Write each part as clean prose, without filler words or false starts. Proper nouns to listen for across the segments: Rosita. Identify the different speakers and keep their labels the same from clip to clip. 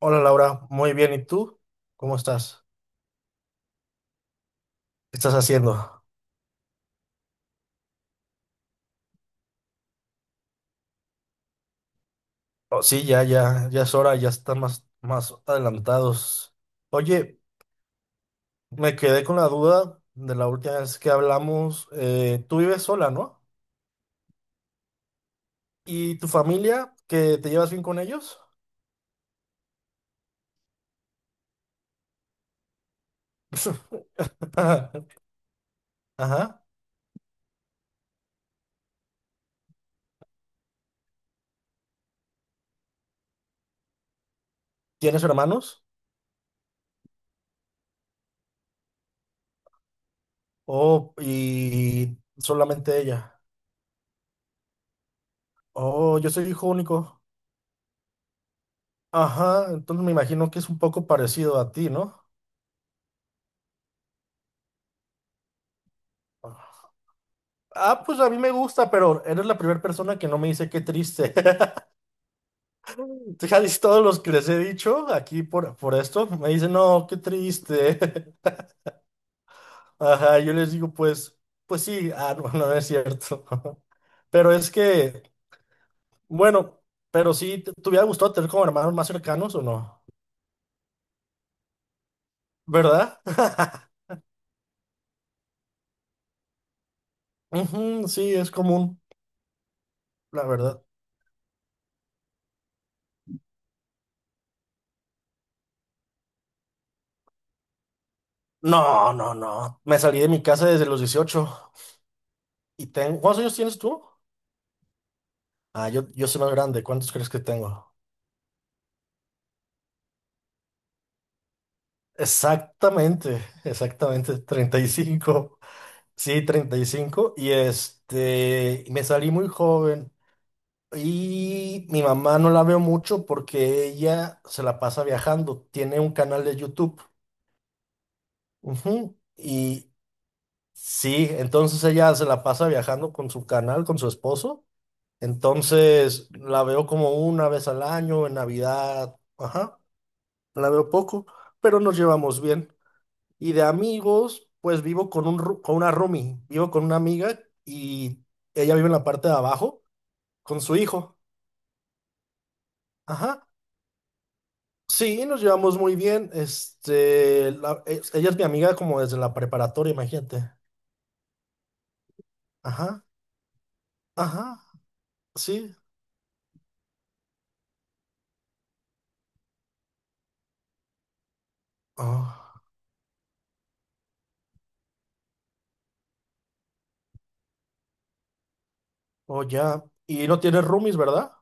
Speaker 1: Hola Laura, muy bien. ¿Y tú? ¿Cómo estás? ¿Qué estás haciendo? Oh, sí, ya, ya, ya es hora, ya están más, más adelantados. Oye, me quedé con la duda de la última vez que hablamos. Tú vives sola, ¿no? ¿Y tu familia, que te llevas bien con ellos? Ajá. ¿Tienes hermanos? Oh, y solamente ella. Oh, yo soy hijo único. Ajá, entonces me imagino que es un poco parecido a ti, ¿no? Ah, pues a mí me gusta, pero eres la primera persona que no me dice qué triste. Casi todos los que les he dicho aquí por esto me dicen, no, qué triste. Ajá, yo les digo, pues, pues sí, ah, no no es cierto. Pero es que, bueno, pero sí, ¿te, te hubiera gustado tener como hermanos más cercanos o no? ¿Verdad? Ujú, sí, es común, la verdad. No, no, no. Me salí de mi casa desde los 18. Y tengo... ¿Cuántos años tienes tú? Ah, yo soy más grande. ¿Cuántos crees que tengo? Exactamente, exactamente, treinta y cinco. Sí, 35. Y cinco. Y este, me salí muy joven. Y mi mamá no la veo mucho porque ella se la pasa viajando. Tiene un canal de YouTube. Ujú. Y sí, entonces ella se la pasa viajando con su canal, con su esposo. Entonces la veo como una vez al año, en Navidad. Ajá, la veo poco, pero nos llevamos bien. Y de amigos, pues vivo con un, con una roomie, vivo con una amiga y ella vive en la parte de abajo con su hijo. Ajá. Sí, nos llevamos muy bien. Este, ella es mi amiga como desde la preparatoria, imagínate. Ajá, ajá, sí. Oh, oh, ya. Y no tienes roomies, ¿verdad?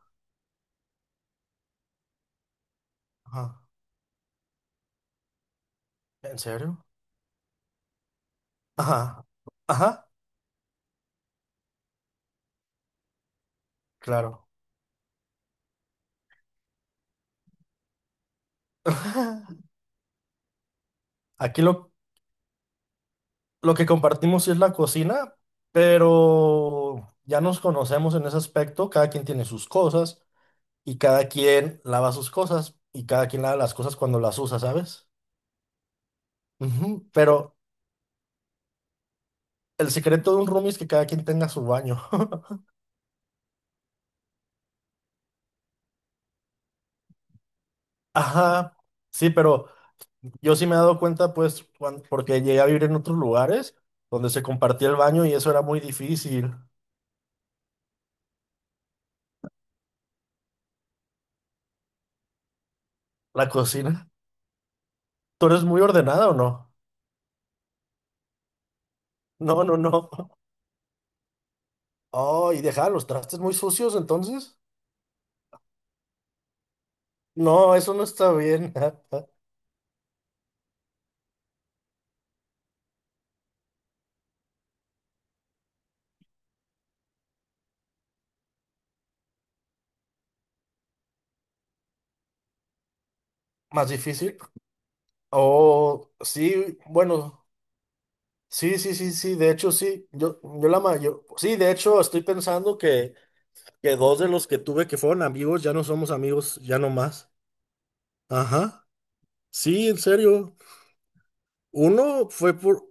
Speaker 1: Ajá. ¿En serio? Ajá, ajá, claro. Aquí lo que compartimos sí es la cocina, pero ya nos conocemos en ese aspecto. Cada quien tiene sus cosas y cada quien lava sus cosas y cada quien lava las cosas cuando las usa, ¿sabes? Ujú. Pero el secreto de un roomie es que cada quien tenga su baño. Ajá, sí, pero yo sí me he dado cuenta, pues, porque llegué a vivir en otros lugares donde se compartía el baño y eso era muy difícil. La cocina. ¿Tú eres muy ordenada o no? No, no, no. Oh, ¿y dejaba los trastes muy sucios entonces? No, eso no está bien. Más difícil. Oh, sí, bueno, sí, sí, sí, sí, de hecho sí, yo la mayor, sí, de hecho estoy pensando que dos de los que tuve que fueron amigos ya no somos amigos, ya no más. Ajá, sí, en serio. Uno fue por,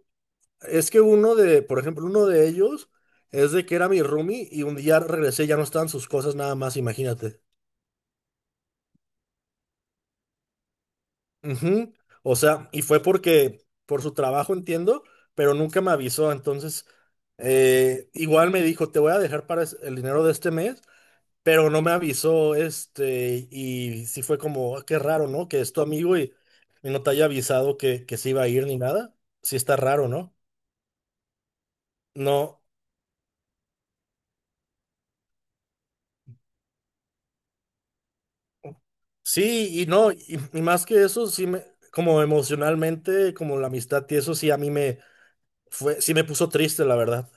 Speaker 1: es que uno de, por ejemplo, uno de ellos es de que era mi roomie y un día regresé, ya no estaban sus cosas nada más, imagínate. Ujú. O sea, y fue porque por su trabajo entiendo, pero nunca me avisó. Entonces, igual me dijo, te voy a dejar para el dinero de este mes, pero no me avisó, este, y sí fue como, "Ah, qué raro, ¿no? Que es tu amigo y no te haya avisado que se iba a ir ni nada. Sí está raro, ¿no? No, sí, y no, y más que eso, sí me, como emocionalmente, como la amistad y eso sí a mí me fue, sí me puso triste, la verdad.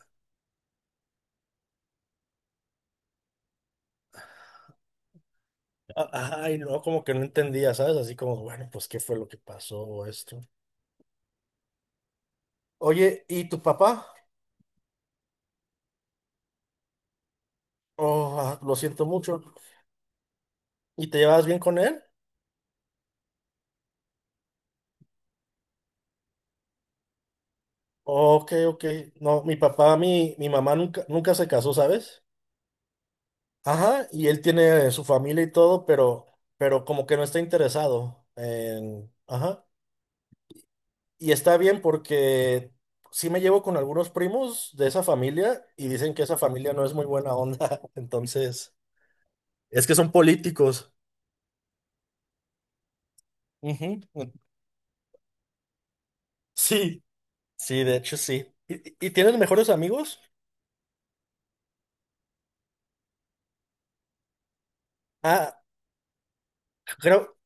Speaker 1: Ay, no, como que no entendía, ¿sabes? Así como, bueno, pues, ¿qué fue lo que pasó o esto? Oye, ¿y tu papá? Oh, ah, lo siento mucho. ¿Y te llevabas bien con él? Ok, ok. No, mi papá, mi mamá nunca, nunca se casó, ¿sabes? Ajá, y él tiene su familia y todo, pero como que no está interesado en... Ajá. Y está bien porque sí me llevo con algunos primos de esa familia y dicen que esa familia no es muy buena onda. Entonces, es que son políticos. Ujú. Sí, sí, de hecho sí. Y tienes mejores amigos? Ah, creo,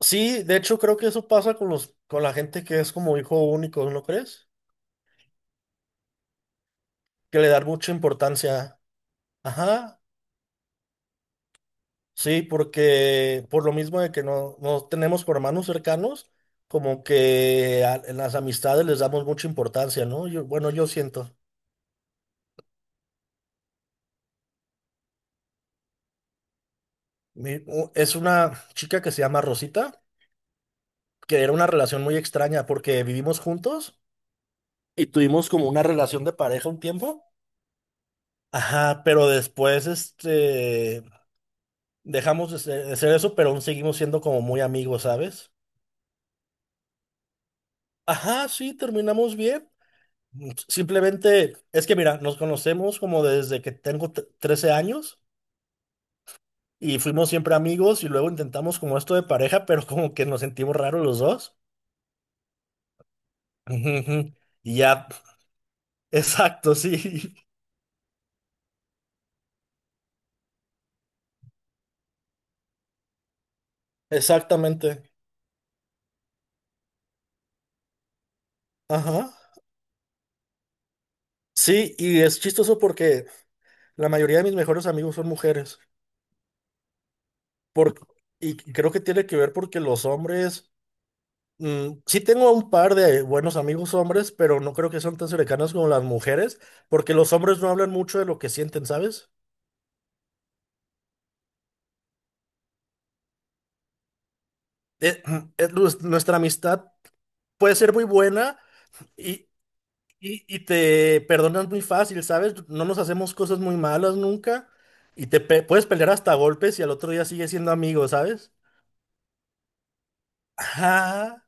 Speaker 1: sí, de hecho creo que eso pasa con los, con la gente que es como hijo único, ¿no crees? Que le dan mucha importancia. Ajá, sí, porque por lo mismo de que no, no tenemos hermanos cercanos, como que en las amistades les damos mucha importancia, ¿no? Yo, bueno, yo siento. Es una chica que se llama Rosita, que era una relación muy extraña porque vivimos juntos. Y tuvimos como una relación de pareja un tiempo. Ajá, pero después, este, dejamos de ser eso, pero aún seguimos siendo como muy amigos, ¿sabes? Ajá, sí, terminamos bien. Mm, simplemente, es que mira, nos conocemos como desde que tengo 13 años y fuimos siempre amigos y luego intentamos como esto de pareja, pero como que nos sentimos raros los dos. Ujú, ujú. Y ya, exacto, sí, exactamente. Ajá. Sí, y es chistoso porque la mayoría de mis mejores amigos son mujeres. Por, y creo que tiene que ver porque los hombres, sí tengo un par de buenos amigos hombres, pero no creo que sean tan cercanos como las mujeres, porque los hombres no hablan mucho de lo que sienten, ¿sabes? Eh, nuestra amistad puede ser muy buena y, y te perdonas muy fácil, ¿sabes? No nos hacemos cosas muy malas nunca y puedes pelear hasta a golpes y al otro día sigues siendo amigos, ¿sabes? Ajá,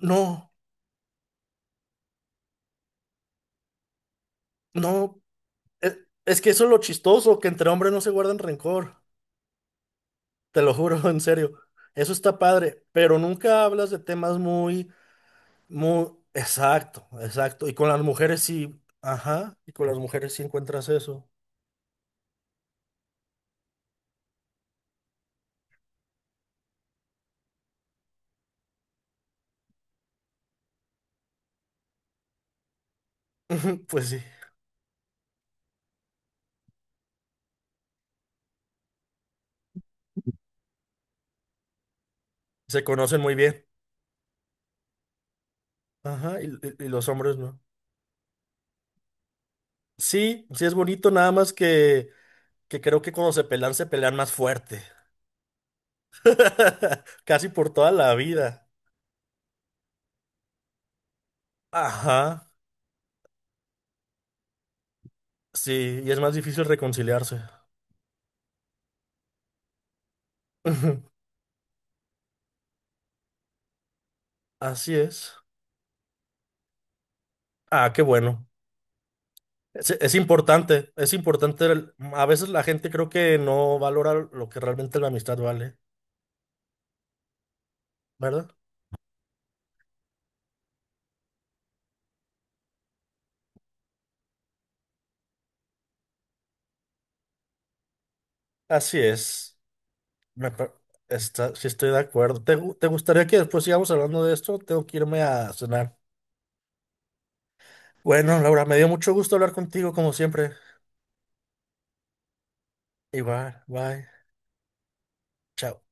Speaker 1: no, no. Es, es que eso es lo chistoso, que entre hombres no se guardan rencor, te lo juro, en serio. Eso está padre, pero nunca hablas de temas muy, muy, exacto, exacto. Y con las mujeres sí, ajá, y con las mujeres sí encuentras eso. Pues sí, se conocen muy bien, ajá, y los hombres no. Sí, sí es bonito, nada más que creo que cuando se pelean más fuerte. Casi por toda la vida. Ajá, sí, y es más difícil reconciliarse. Así es. Ah, qué bueno. Es importante, es importante. A veces la gente creo que no valora lo que realmente la amistad vale, ¿verdad? Así es. Me pa- Está, sí estoy de acuerdo. ¿Te, te gustaría que después sigamos hablando de esto? Tengo que irme a cenar. Bueno, Laura, me dio mucho gusto hablar contigo como siempre. Igual, bye. Chao.